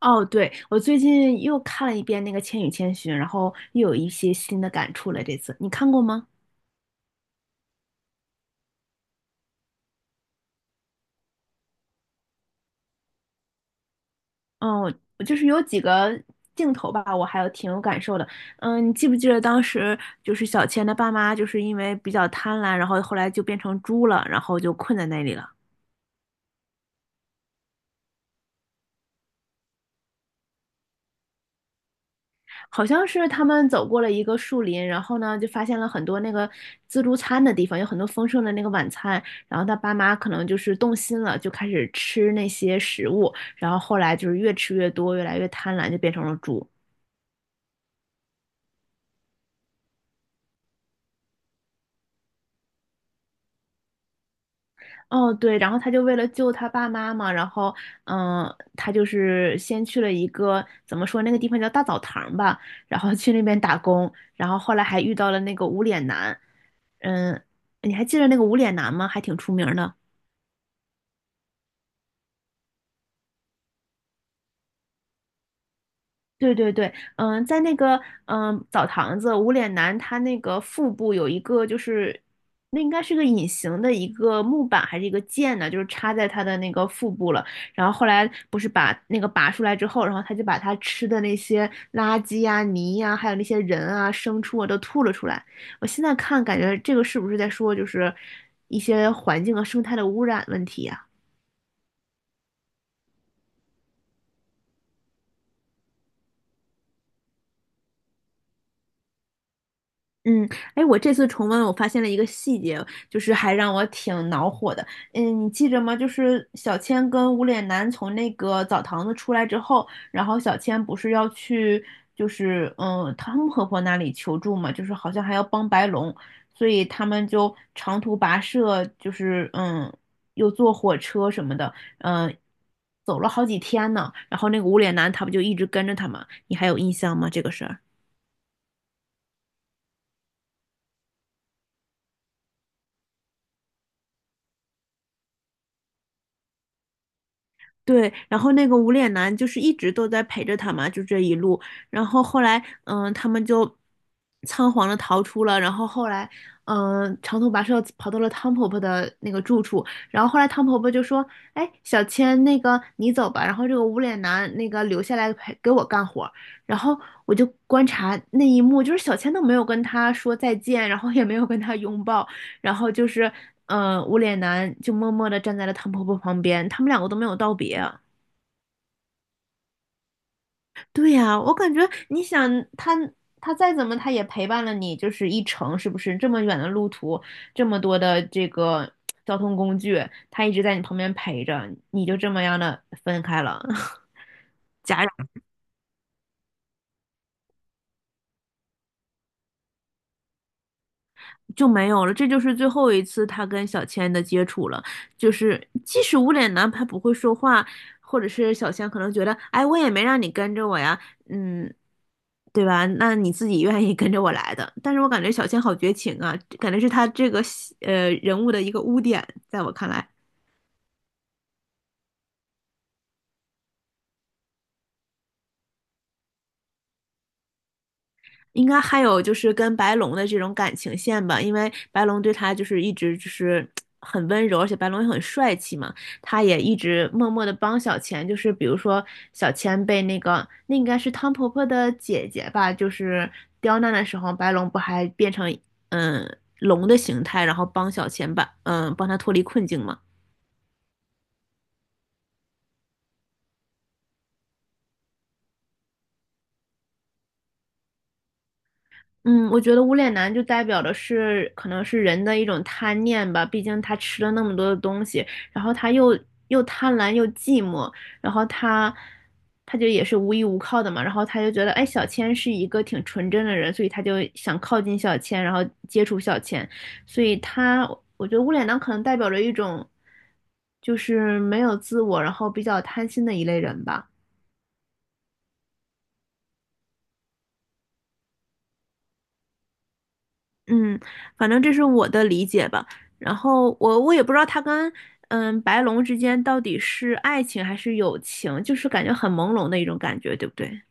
哦，对，我最近又看了一遍那个《千与千寻》，然后又有一些新的感触了。这次你看过吗？嗯，我我就是有几个镜头吧，我还有挺有感受的。嗯，你记不记得当时就是小千的爸妈就是因为比较贪婪，然后后来就变成猪了，然后就困在那里了。好像是他们走过了一个树林，然后呢，就发现了很多那个自助餐的地方，有很多丰盛的那个晚餐。然后他爸妈可能就是动心了，就开始吃那些食物。然后后来就是越吃越多，越来越贪婪，就变成了猪。哦，对，然后他就为了救他爸妈嘛，然后，嗯，他就是先去了一个怎么说那个地方叫大澡堂吧，然后去那边打工，然后后来还遇到了那个无脸男，嗯，你还记得那个无脸男吗？还挺出名的。对对对，嗯，在那个澡堂子，无脸男他那个腹部有一个就是，那应该是个隐形的一个木板还是一个剑呢，就是插在他的那个腹部了。然后后来不是把那个拔出来之后，然后他就把他吃的那些垃圾呀、泥呀、还有那些人啊、牲畜啊都吐了出来。我现在看感觉这个是不是在说就是一些环境和生态的污染问题呀？嗯，哎，我这次重温，我发现了一个细节，就是还让我挺恼火的。嗯，你记着吗？就是小千跟无脸男从那个澡堂子出来之后，然后小千不是要去，就是汤姆婆婆那里求助嘛，就是好像还要帮白龙，所以他们就长途跋涉，就是又坐火车什么的，嗯，走了好几天呢。然后那个无脸男他不就一直跟着他吗？你还有印象吗？这个事儿？对，然后那个无脸男就是一直都在陪着他嘛，就这一路。然后后来，嗯，他们就仓皇的逃出了。然后后来，嗯，长途跋涉跑到了汤婆婆的那个住处。然后后来汤婆婆就说："哎，小千，那个你走吧。"然后这个无脸男那个留下来陪给我干活儿。然后我就观察那一幕，就是小千都没有跟他说再见，然后也没有跟他拥抱，然后就是，无脸男就默默的站在了汤婆婆旁边，他们两个都没有道别。对呀、我感觉你想他再怎么他也陪伴了你，就是一程，是不是？这么远的路途，这么多的这个交通工具，他一直在你旁边陪着，你就这么样的分开了，戛就没有了，这就是最后一次他跟小千的接触了。就是即使无脸男他不会说话，或者是小千可能觉得，哎，我也没让你跟着我呀，嗯，对吧？那你自己愿意跟着我来的。但是我感觉小千好绝情啊，感觉是他这个人物的一个污点，在我看来。应该还有就是跟白龙的这种感情线吧，因为白龙对他就是一直就是很温柔，而且白龙也很帅气嘛，他也一直默默的帮小千，就是比如说小千被那个那应该是汤婆婆的姐姐吧，就是刁难的时候，白龙不还变成龙的形态，然后帮小千把帮他脱离困境嘛，嗯，我觉得无脸男就代表的是可能是人的一种贪念吧，毕竟他吃了那么多的东西，然后他又贪婪又寂寞，然后他就也是无依无靠的嘛，然后他就觉得哎，小千是一个挺纯真的人，所以他就想靠近小千，然后接触小千，所以我觉得无脸男可能代表着一种就是没有自我，然后比较贪心的一类人吧。嗯，反正这是我的理解吧。然后我也不知道他跟白龙之间到底是爱情还是友情，就是感觉很朦胧的一种感觉，对不对？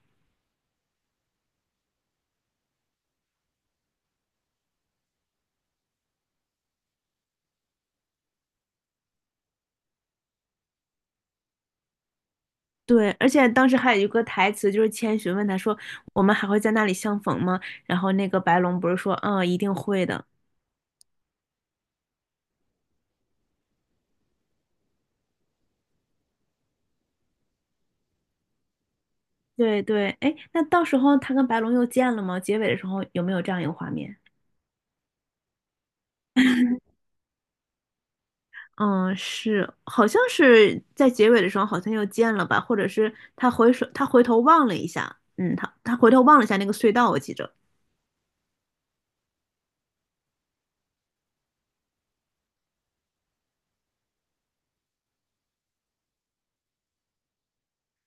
对，而且当时还有一个台词，就是千寻问他说："我们还会在那里相逢吗？"然后那个白龙不是说："嗯，一定会的。"对对，哎，那到时候他跟白龙又见了吗？结尾的时候有没有这样一个画面？嗯，是，好像是在结尾的时候好像又见了吧，或者是他回首，他回头望了一下，嗯，他回头望了一下那个隧道，我记着。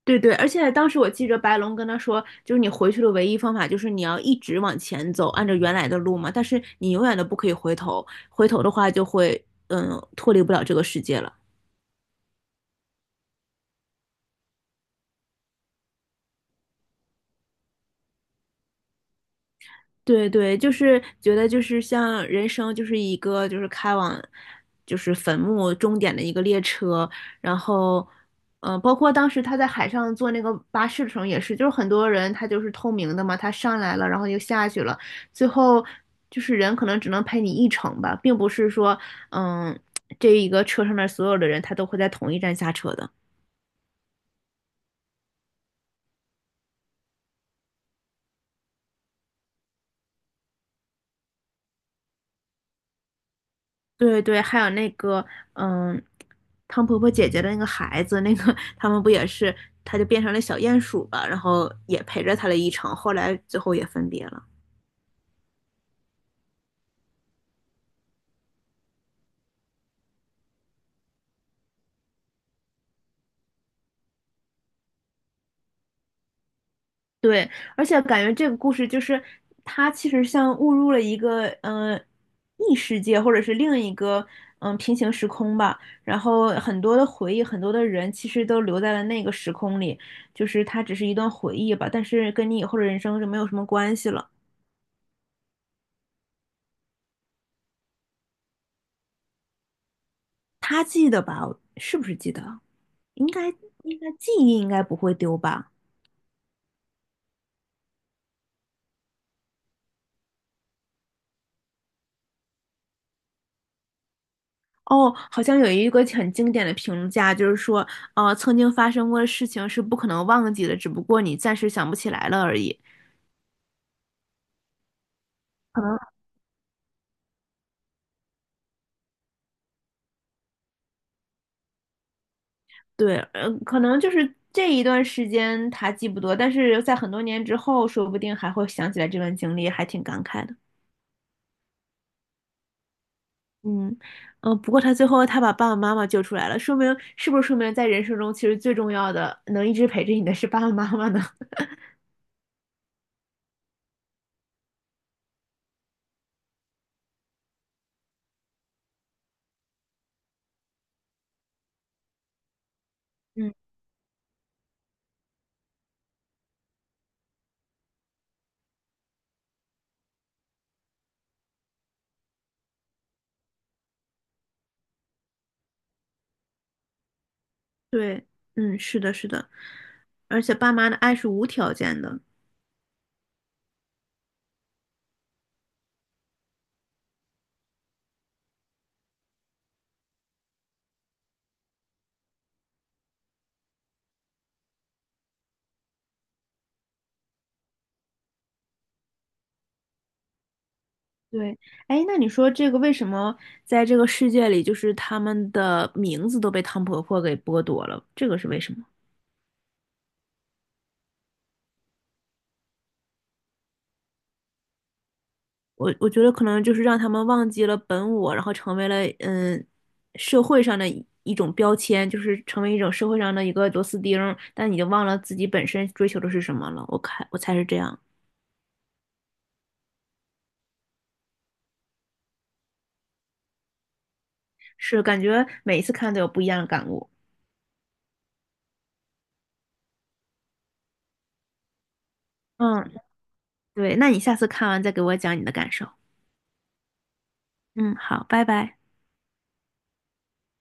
对对，而且当时我记着白龙跟他说，就是你回去的唯一方法就是你要一直往前走，按照原来的路嘛，但是你永远都不可以回头，回头的话就会，嗯，脱离不了这个世界了。对对，就是觉得就是像人生就是一个就是开往就是坟墓终点的一个列车，然后包括当时他在海上坐那个巴士的时候也是，就是很多人他就是透明的嘛，他上来了，然后又下去了，最后就是人可能只能陪你一程吧，并不是说嗯这一个车上面所有的人他都会在同一站下车的。对对，还有那个，嗯，汤婆婆姐姐的那个孩子，那个他们不也是，他就变成了小鼹鼠吧，然后也陪着他了一程，后来最后也分别了。对，而且感觉这个故事就是它其实像误入了一个异世界或者是另一个平行时空吧，然后很多的回忆，很多的人其实都留在了那个时空里，就是它只是一段回忆吧，但是跟你以后的人生就没有什么关系了。他记得吧？是不是记得？应该记忆应该不会丢吧？哦，好像有一个很经典的评价，就是说，呃，曾经发生过的事情是不可能忘记的，只不过你暂时想不起来了而已。可能对，呃，可能就是这一段时间他记不得，但是在很多年之后，说不定还会想起来这段经历，还挺感慨的。嗯嗯，不过他最后他把爸爸妈妈救出来了，说明是不是说明在人生中其实最重要的能一直陪着你的是爸爸妈妈呢？嗯，对，嗯，是的，是的，而且爸妈的爱是无条件的。对，哎，那你说这个为什么在这个世界里，就是他们的名字都被汤婆婆给剥夺了？这个是为什么？我觉得可能就是让他们忘记了本我，然后成为了社会上的一种标签，就是成为一种社会上的一个螺丝钉儿但你经忘了自己本身追求的是什么了。我看我猜是这样，是感觉每一次看都有不一样的感悟。嗯。对，那你下次看完再给我讲你的感受。嗯，好，拜拜。